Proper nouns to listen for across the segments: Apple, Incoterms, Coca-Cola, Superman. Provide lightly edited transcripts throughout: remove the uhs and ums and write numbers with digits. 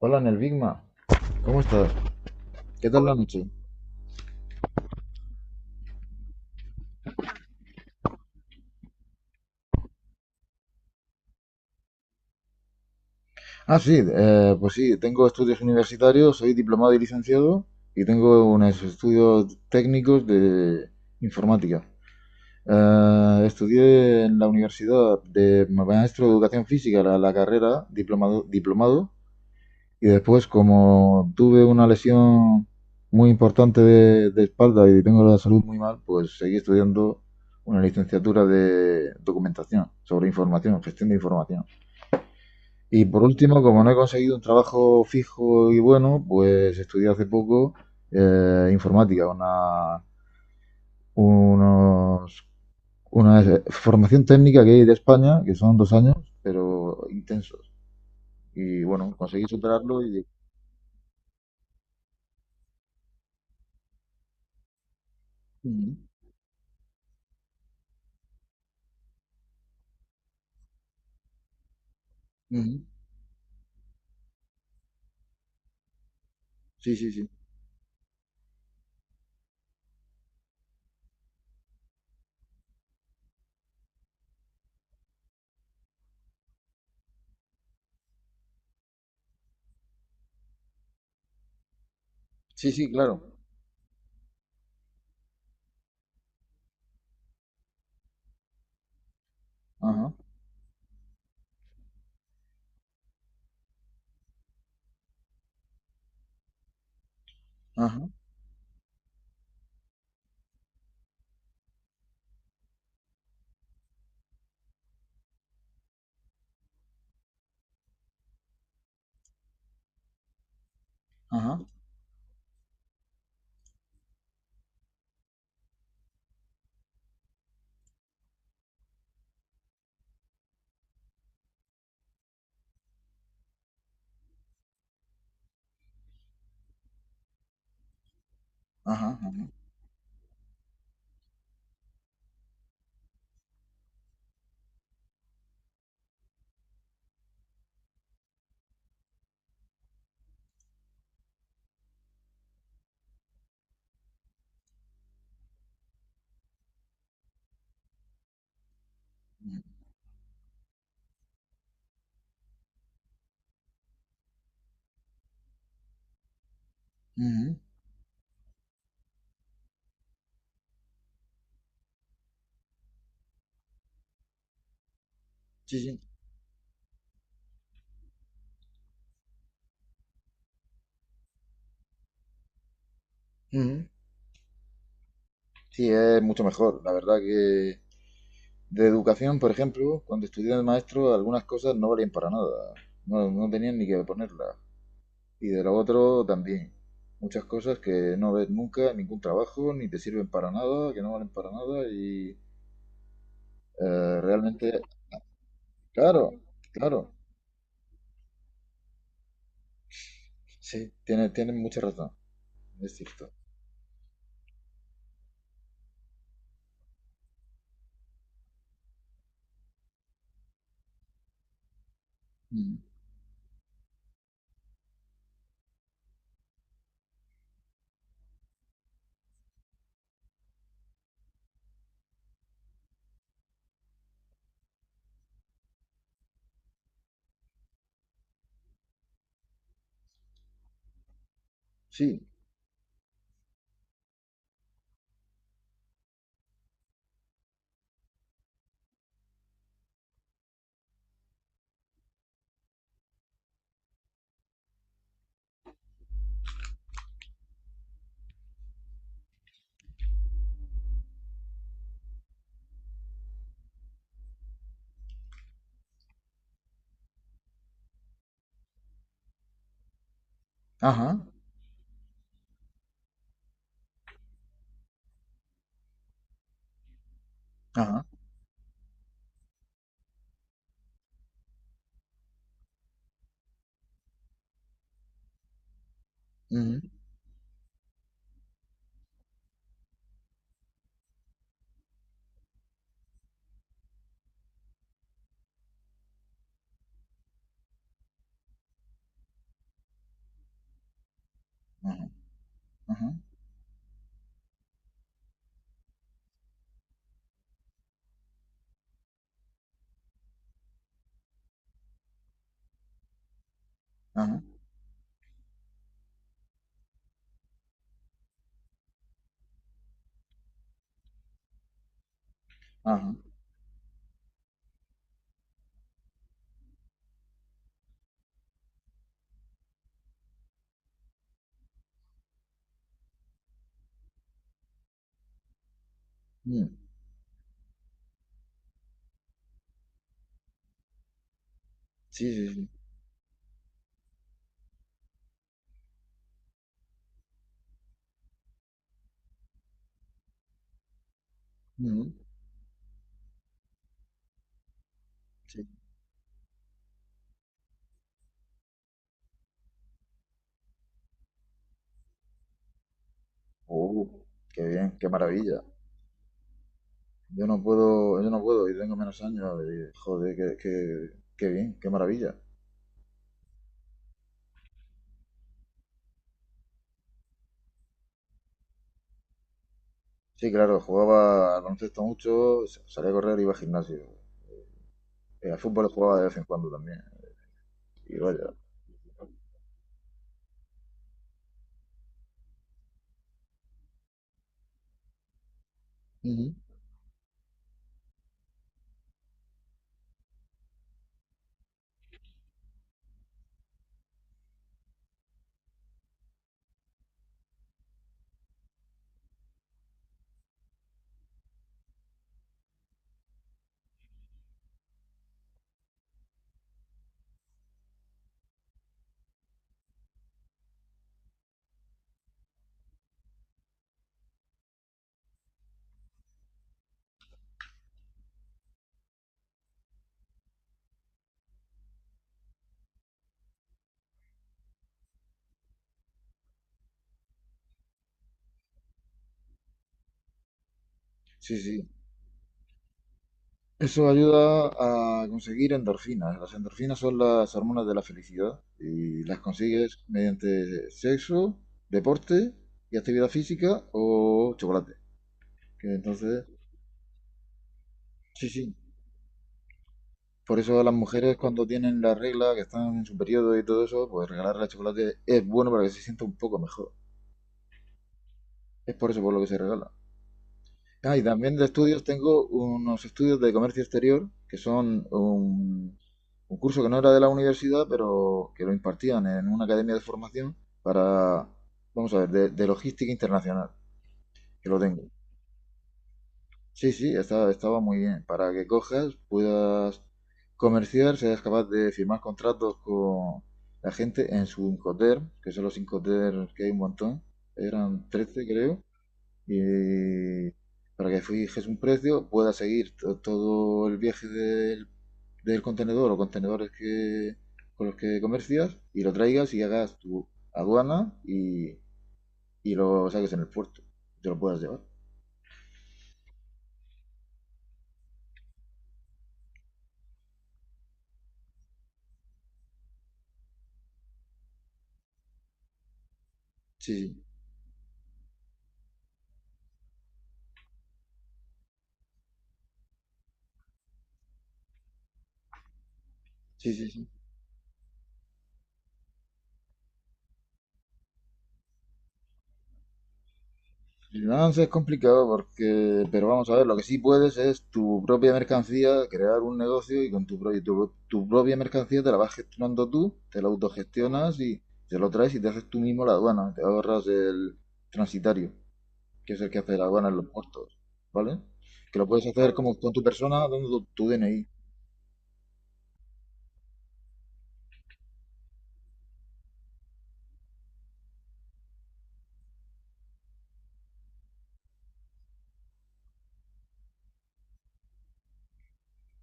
Hola, en el Bigma. ¿Cómo estás? ¿Qué tal la noche? Ah, sí, pues sí, tengo estudios universitarios, soy diplomado y licenciado y tengo unos estudios técnicos de informática. Estudié en la universidad de maestro de educación física la carrera, diplomado, diplomado, y después como tuve una lesión muy importante de espalda y tengo la salud muy mal, pues seguí estudiando una licenciatura de documentación sobre información, gestión de información. Y por último, como no he conseguido un trabajo fijo y bueno, pues estudié hace poco informática, unos- una formación técnica que hay de España, que son dos años, pero intensos. Y bueno, conseguí superarlo y... Ujú, ujú. Sí, sí, sí. Sí, sí, claro. Ajá, ajá, ajá, ajá, ajá. Ujú. Sí, sí. Ujú. Sí, es mucho mejor. La verdad que de educación, por ejemplo, cuando estudié de maestro, algunas cosas no valían para nada. No, no tenían ni que ponerlas. Y de lo otro también. Muchas cosas que no ves nunca en ningún trabajo, ni te sirven para nada, que no valen para nada. Y realmente, claro, claro. Sí, tiene mucha razón. Es cierto. Mm, sí. Ajá, ajá, ujú, ajá, ajá, ajá, ajá. Mm, sí, sí, sí. Ujú, sí. Oh, qué bien, qué maravilla. Yo no puedo, y tengo menos años. Y joder, qué bien, qué maravilla. Sí, claro, jugaba al baloncesto mucho, salía a correr, iba al gimnasio. Al fútbol jugaba de vez en cuando también. Y vaya. Ujú. Sí, sí. Eso ayuda a conseguir endorfinas. Las endorfinas son las hormonas de la felicidad y las consigues mediante sexo, deporte y actividad física o chocolate. Que entonces, sí, sí. Por eso las mujeres cuando tienen la regla, que están en su periodo y todo eso, pues regalarle chocolate es bueno para que se sienta un poco mejor. Es por eso por lo que se regala. Ah, y también de estudios tengo unos estudios de comercio exterior, que son un curso que no era de la universidad, pero que lo impartían en una academia de formación para, vamos a ver, de logística internacional, que lo tengo. Sí, sí, estaba, estaba muy bien. Para que cojas, puedas comerciar, seas capaz de firmar contratos con la gente en su Incoterm, que son los Incoterms que hay un montón, eran 13 creo, y para que fijes un precio, puedas seguir todo el viaje del contenedor o contenedores que, con los que comercias y lo traigas y hagas tu aduana y lo saques en el puerto, y te lo puedas llevar. Sí, sí, sí, sí, sí. Freelance es complicado porque, pero vamos a ver, lo que sí puedes es tu propia mercancía, crear un negocio y con tu propia mercancía te la vas gestionando tú, te la autogestionas y te lo traes y te haces tú mismo la aduana, te ahorras el transitario, que es el que hace la aduana en los puertos, ¿vale? Que lo puedes hacer como con tu persona dando tu DNI.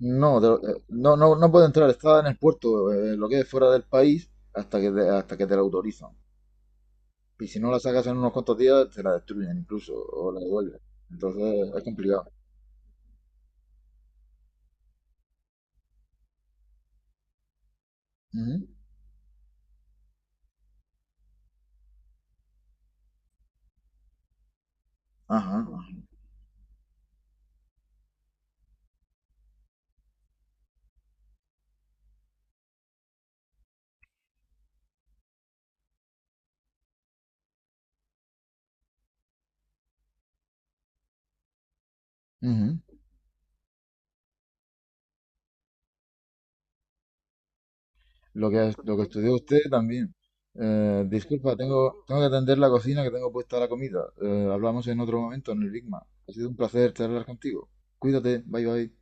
No, no, no, no puede entrar, está en el puerto, lo que es fuera del país, hasta que hasta que te lo autorizan. Y si no la sacas en unos cuantos días, te la destruyen incluso, o la devuelven. Entonces es complicado. Ujú. Ajá, ajá. Ujú. Lo que, lo que estudió usted también. Disculpa, tengo, tengo que atender la cocina que tengo puesta la comida. Hablamos en otro momento en el Big Mac. Ha sido un placer charlar contigo. Cuídate, bye bye.